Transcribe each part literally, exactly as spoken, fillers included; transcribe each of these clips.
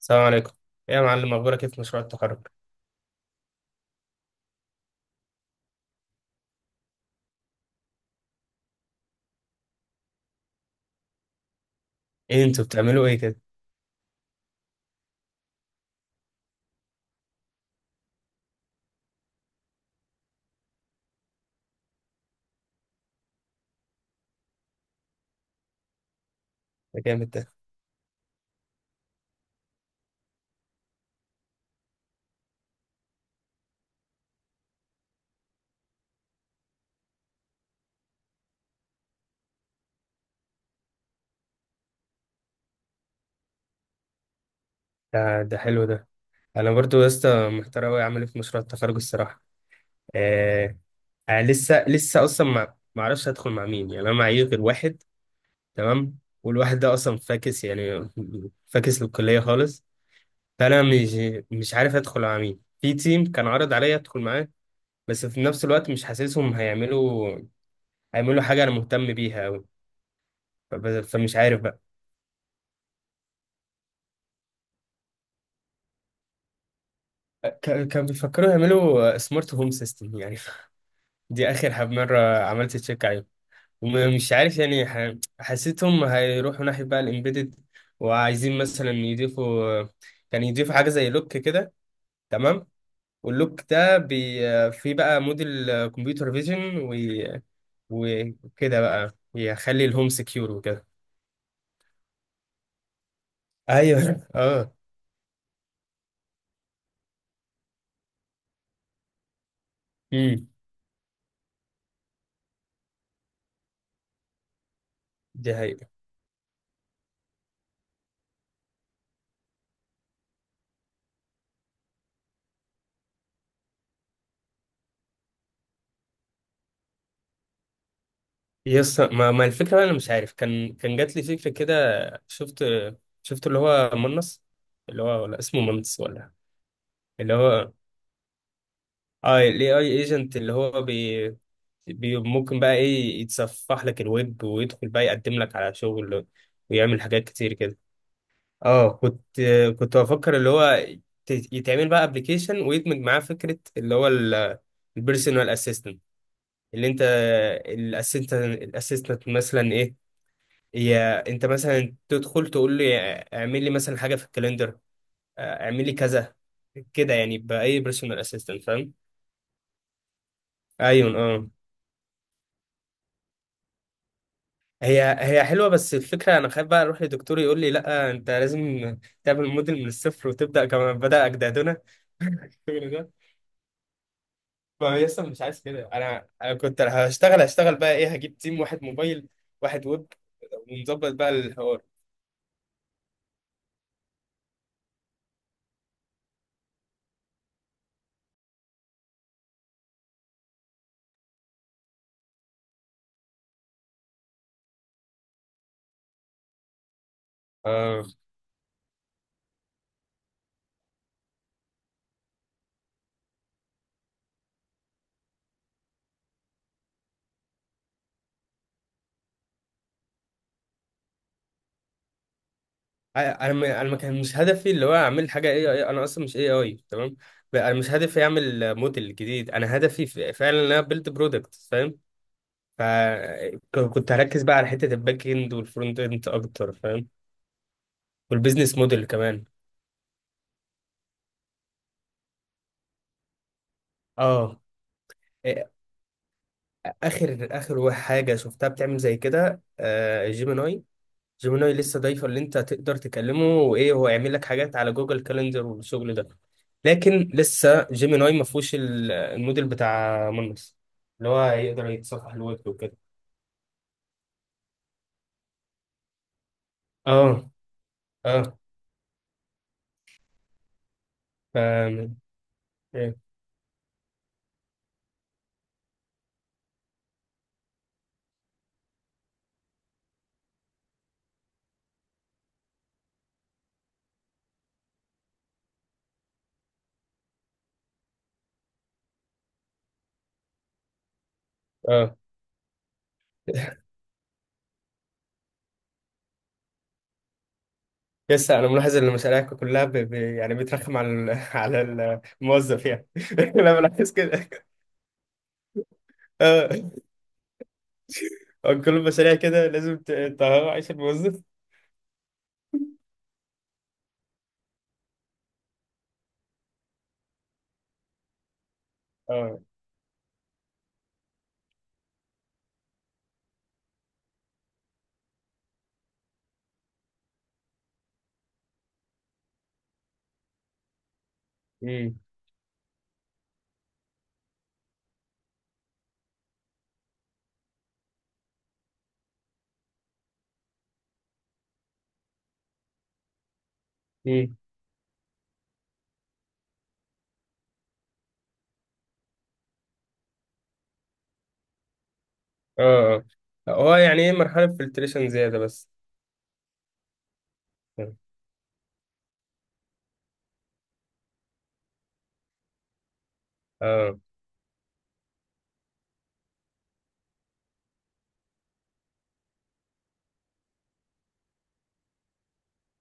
السلام عليكم. إيه يا معلم، اخبارك ايه في مشروع التخرج؟ ايه انتوا بتعملوا ايه كده؟ ده جامد ده. ده ده حلو ده. انا برضو يا اسطى محتار اوي اعمل ايه في مشروع التخرج الصراحه. آه. آه لسه لسه اصلا ما ما اعرفش هدخل مع مين، يعني انا معايا غير واحد. تمام، والواحد ده اصلا فاكس يعني. فاكس للكليه خالص. فانا مش مش عارف ادخل مع مين في تيم، كان عرض عليا ادخل معاه، بس في نفس الوقت مش حاسسهم هيعملوا هيعملوا حاجه انا مهتم بيها اوي. فب- فمش عارف بقى. كان كان بيفكروا يعملوا سمارت هوم سيستم يعني. دي اخر حب مره عملت تشيك عليهم. ومش عارف يعني ح- حسيتهم هيروحوا ناحيه بقى الامبيدد، وعايزين مثلا يضيفوا كان يضيفوا حاجه زي لوك كده. تمام. واللوك ده بي في بقى موديل كمبيوتر فيجن، وكده بقى يخلي الهوم سكيور وكده. ايوه. اه. امم. دي حقيقة. يس، ما, ما الفكرة بقى، أنا مش عارف، كان كان جات لي فكرة كده. شفت شفت اللي هو منص، اللي هو ولا اسمه منص ولا. اللي هو، اه ال اي اي ايجنت، اللي هو بي, بي ممكن بقى ايه يتصفح لك الويب ويدخل بقى يقدم لك على شغل، ويعمل حاجات كتير كده. اه كنت كنت بفكر اللي هو ت- يتعمل بقى ابلكيشن ويدمج معاه فكرة اللي هو البيرسونال اسيستنت، اللي انت، الاسيستنت الاسيستنت مثلا ايه، يا انت مثلا تدخل تقول لي اعمل لي مثلا حاجه في الكاليندر، اه، اعمل لي كذا، كده يعني باي بيرسونال اسيستنت فاهم. ايوه اه. هي هي حلوه، بس الفكره انا خايف بقى اروح لدكتور يقول لي لا انت لازم تعمل موديل من الصفر وتبدا كما بدا اجدادنا. الشغل ده. فيصل مش عايز كده، انا انا كنت هشتغل هشتغل بقى ايه هجيب تيم، واحد موبايل واحد ويب، ونظبط بقى الحوار. آه. انا ما- انا ما كان مش هدفي اللي هو اعمل حاجه اي اي، انا اصلا مش اي اي تمام. ب- انا مش هدفي اعمل موديل جديد، انا هدفي ف- فعلا ان انا بيلد برودكت فاهم. فكنت هركز بقى على حته الباك اند والفرونت اند اكتر فاهم. والبيزنس موديل كمان. اه. إيه، اخر اخر وا- حاجه شفتها بتعمل زي كده آه جيميناي. جيميناي لسه ضايفه اللي انت تقدر تكلمه وايه هو يعمل لك حاجات على جوجل كالندر والشغل ده. لكن لسه جيميناي ما فيهوش ال- الموديل بتاع مانوس، اللي هو هيقدر يتصفح الويب وكده. اه. اه فاهم. إيه. اه، لسه انا ملاحظ ان مشاريعك كلها ب... ب... يعني بترخم على ال... على ال- الموظف يعني. انا بلاحظ كده. اه. آه، كل المشاريع كده لازم ت- تهوى عيش الموظف. اه. امم امم. اه. آه. هو يعني ايه، مرحله فلتريشن زياده بس. اه. آه.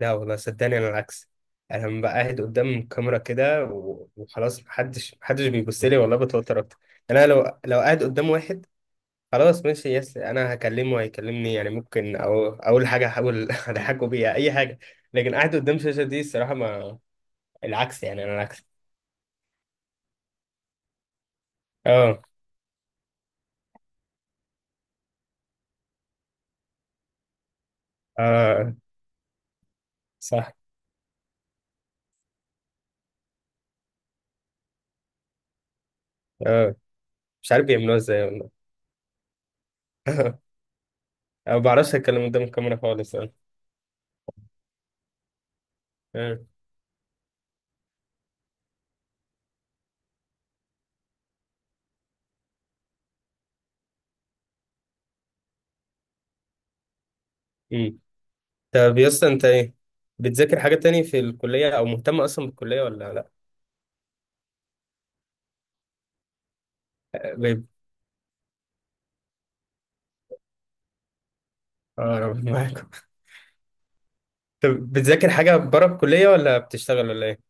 لا والله صدقني انا العكس. انا لما ببقى قاعد قدام الكاميرا كده و- وخلاص محدش محدش بيبص لي والله بتوتر اكتر. يعني انا لو لو قاعد قدام واحد خلاص ماشي، يس انا هكلمه وهيكلمني، يعني ممكن، او اول حاجه هحاول اضحكه بيها اي حاجه. لكن قاعد قدام الشاشه دي الصراحه ما، العكس يعني، انا العكس. اه. اه صح. اه. مش عارف بيعملوها ازاي والله. أنا ما بعرفش اتكلم قدام الكاميرا خالص. اه. آه. إمم. طب يا اسطى، انت ايه بتذاكر حاجة تاني في الكلية، او مهتم اصلا بالكلية ولا لا؟ غيب. اه، ربنا معاكم. طب بتذاكر حاجة بره الكلية ولا بتشتغل ولا ايه؟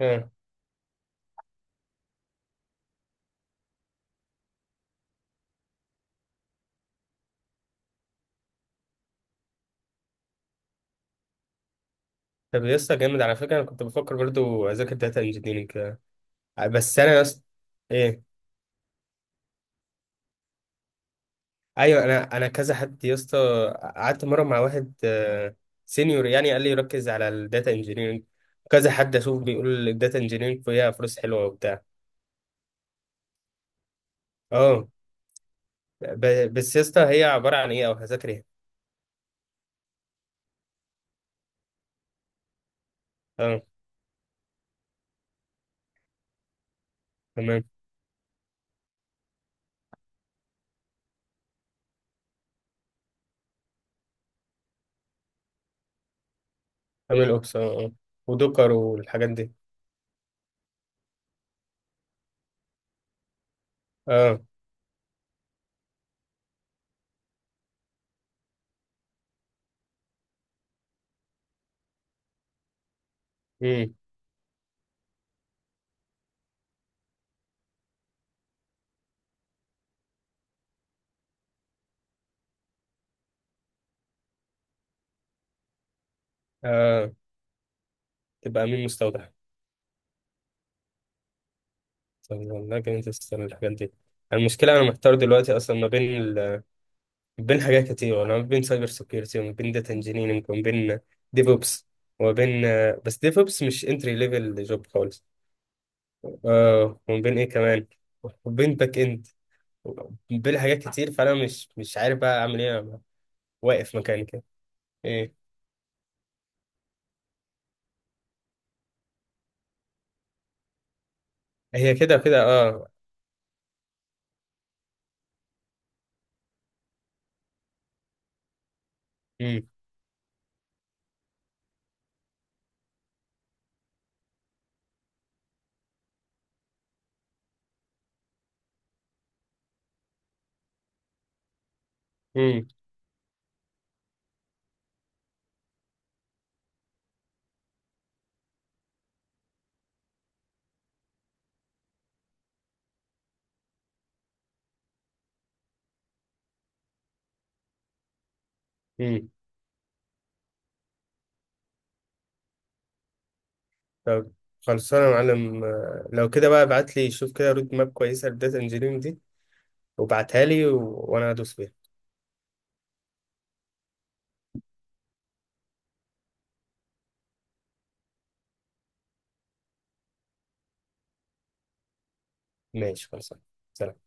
اه. طب يا اسطى، جامد على فكرة، انا كنت بفكر برضو اذاكر داتا انجينيرنج، بس انا يا اسطى، ايه، ايوه، انا انا كذا حد يا اسطى، قعدت مرة مع واحد سينيور يعني قال لي ركز على الداتا انجينيرنج، كذا حد اشوف بيقول الداتا انجينيرنج فيها فلوس حلوة وبتاع. اه، ب- بس يا اسطى هي عبارة عن ايه او هذاكر ايه؟ اه تمام. عامل اوبس اه. آه. ودكر والحاجات دي. اه. امم. اه. تبقى امين مستودع. طب والله جامد السنة الحاجات دي. المشكلة أنا محتار دلوقتي أصلا ما بين ال... بين حاجات كتير، أنا ما بين سايبر سيكيورتي، وما بين داتا انجينيرنج، وما بين ديفوبس، وما بين آه، بس ديفوبس مش انتري ليفل جوب خالص. اه، وما بين إيه كمان، وما بين باك إند، بين حاجات كتير، فأنا مش مش عارف بقى أعمل إيه، أنا واقف مكاني كده. إيه. هي كده كده اه. امم امم. طب خلصانة يا معلم، آه، لو كده بقى ابعت لي شوف كده رود ماب كويسة للداتا انجينيرنج دي، وابعتها لي، و... وانا هدوس فيها. ماشي خلصانة. سلام.